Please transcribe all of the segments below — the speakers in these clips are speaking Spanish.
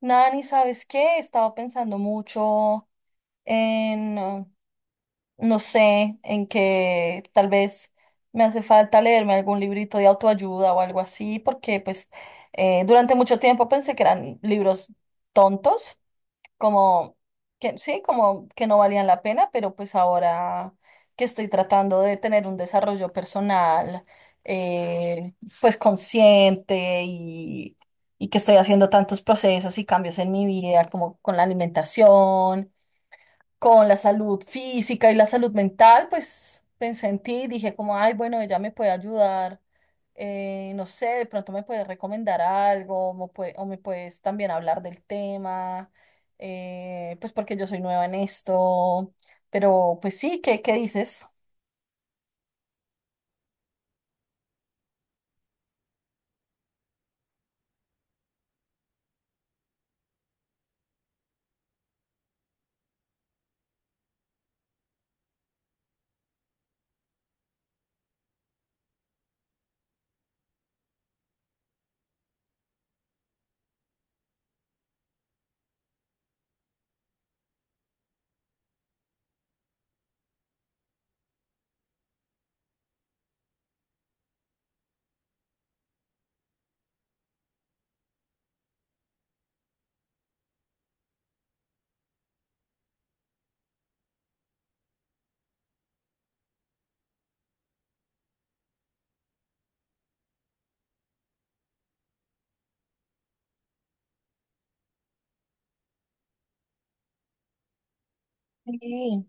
Nani, ¿sabes qué? Estaba pensando mucho en, no sé, en que tal vez me hace falta leerme algún librito de autoayuda o algo así, porque pues durante mucho tiempo pensé que eran libros tontos como que sí, como que no valían la pena, pero pues ahora que estoy tratando de tener un desarrollo personal, eh, pues consciente y que estoy haciendo tantos procesos y cambios en mi vida, como con la alimentación con la salud física y la salud mental, pues pensé en ti, dije como, ay, bueno, ella me puede ayudar, no sé, de pronto me puedes recomendar algo, o me puedes también hablar del tema, pues porque yo soy nueva en esto, pero pues sí, ¿qué dices? Sí.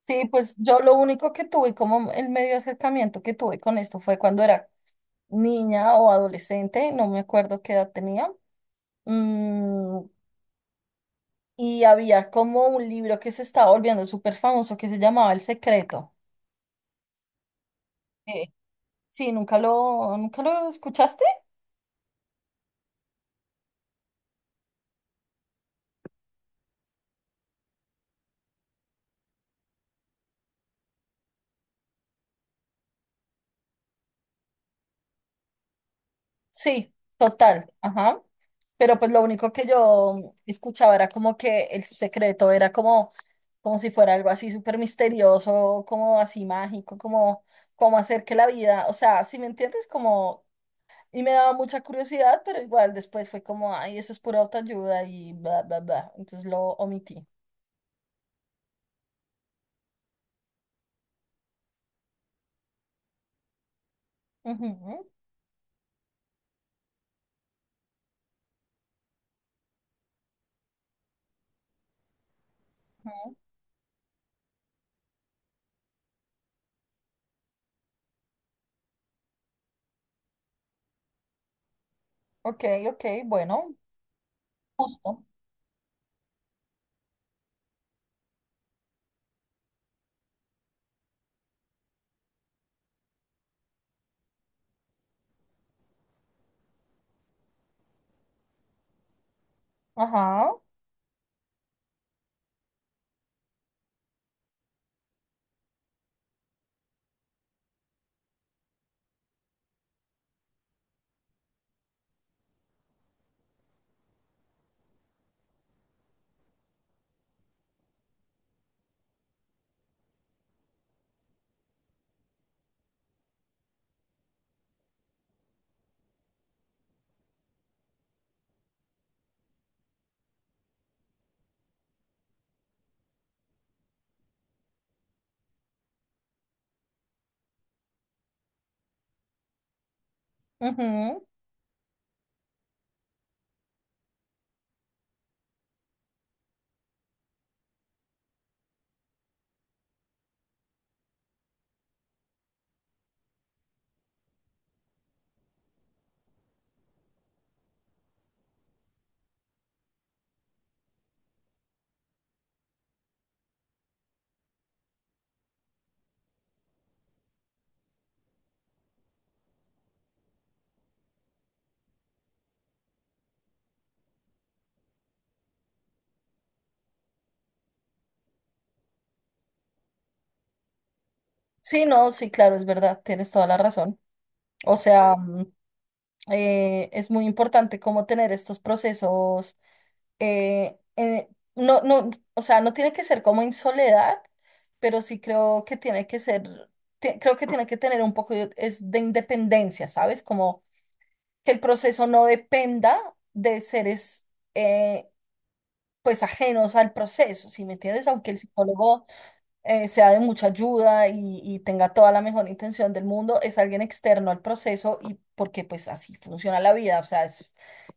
Sí, pues yo lo único que tuve como el medio acercamiento que tuve con esto fue cuando era niña o adolescente, no me acuerdo qué edad tenía. mm, y había como un libro que se estaba volviendo súper famoso que se llamaba El Secreto. Eh, sí, ¿nunca lo escuchaste? Sí, total, ajá. Pero pues lo único que yo escuchaba era como que El Secreto era como, como si fuera algo así súper misterioso, como así mágico, como, como hacer que la vida, o sea, si me entiendes, como... Y me daba mucha curiosidad, pero igual después fue como, ay, eso es pura autoayuda y bla, bla, bla. Entonces lo omití. Ujú, ujú. Ok, ok, bueno, justo. Ajá. Ujú. Sí, no, sí, claro, es verdad, tienes toda la razón. O sea, es muy importante cómo tener estos procesos. eh, eh, no, no, o sea, no tiene que ser como en soledad, pero sí creo que tiene que ser, creo que tiene que tener un poco de, es de independencia, ¿sabes? Como que el proceso no dependa de seres, eh, pues, ajenos al proceso, ¿sí me entiendes? Aunque el psicólogo sea de mucha ayuda y tenga toda la mejor intención del mundo, es alguien externo al proceso y porque pues así funciona la vida, o sea,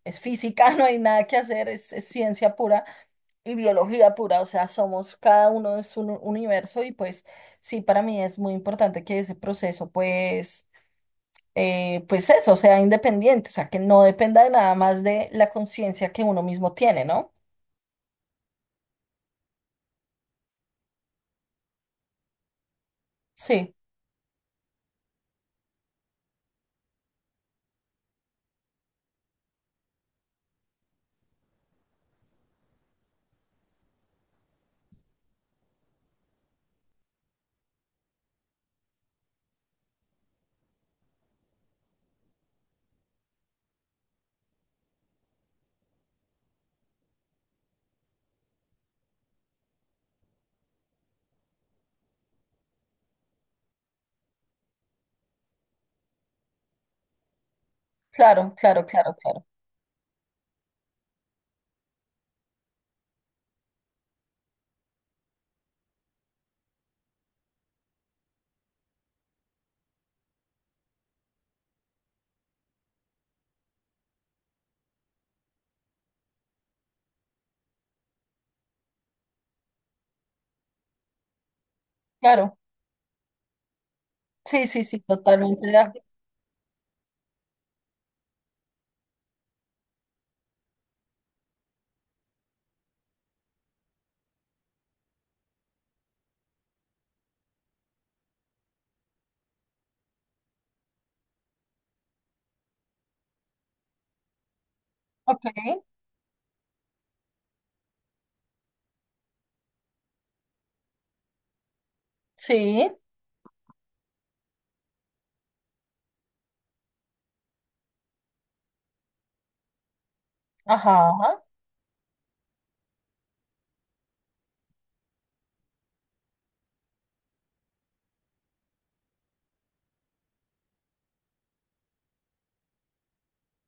es física, no hay nada que hacer, es ciencia pura y biología pura, o sea, somos cada uno es un universo y pues sí, para mí es muy importante que ese proceso pues... pues eso, sea independiente, o sea, que no dependa de nada más de la conciencia que uno mismo tiene, ¿no? Sí, claro, claro, claro, claro, claro. Sí, sí, sí, totalmente. De acuerdo. Ok. Sí, ajá,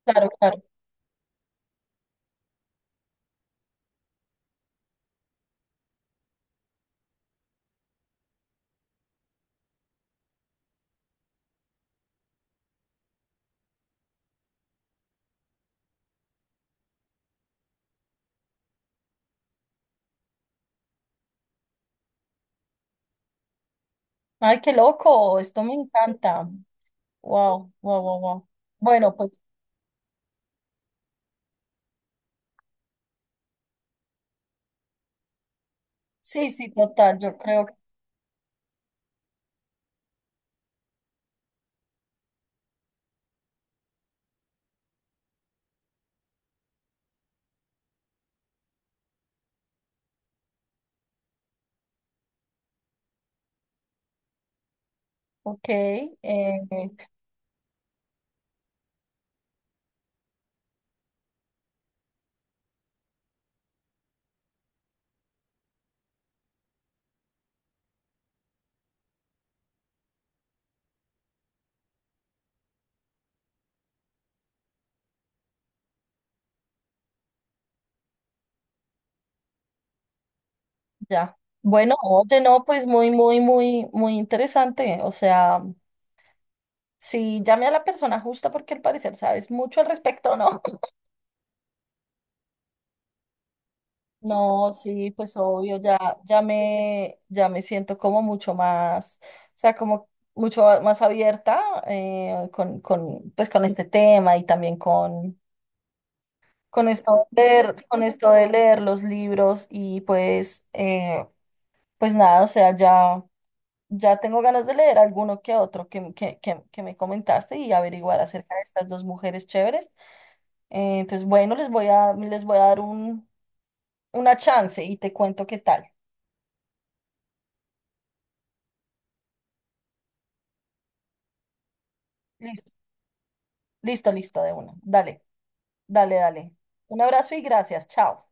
claro, claro. Ay, qué loco, esto me encanta. Wow, wow, wow, wow. Bueno, pues sí, sí, total, yo creo que, ok, eh, ya. Bueno, oye, no, pues muy, muy, muy, muy interesante. O sea, si llame a la persona justa porque al parecer sabes mucho al respecto, ¿no? No, sí, pues obvio, ya, ya me siento como mucho más, o sea, como mucho más abierta con, pues con este tema y también con esto de leer, con esto de leer los libros y pues, pues nada, o sea, ya, ya tengo ganas de leer alguno que otro que me comentaste y averiguar acerca de estas dos mujeres chéveres. Entonces, bueno, les voy a dar una chance y te cuento qué tal. Listo, listo, de una. Dale, dale, dale. Un abrazo y gracias. Chao.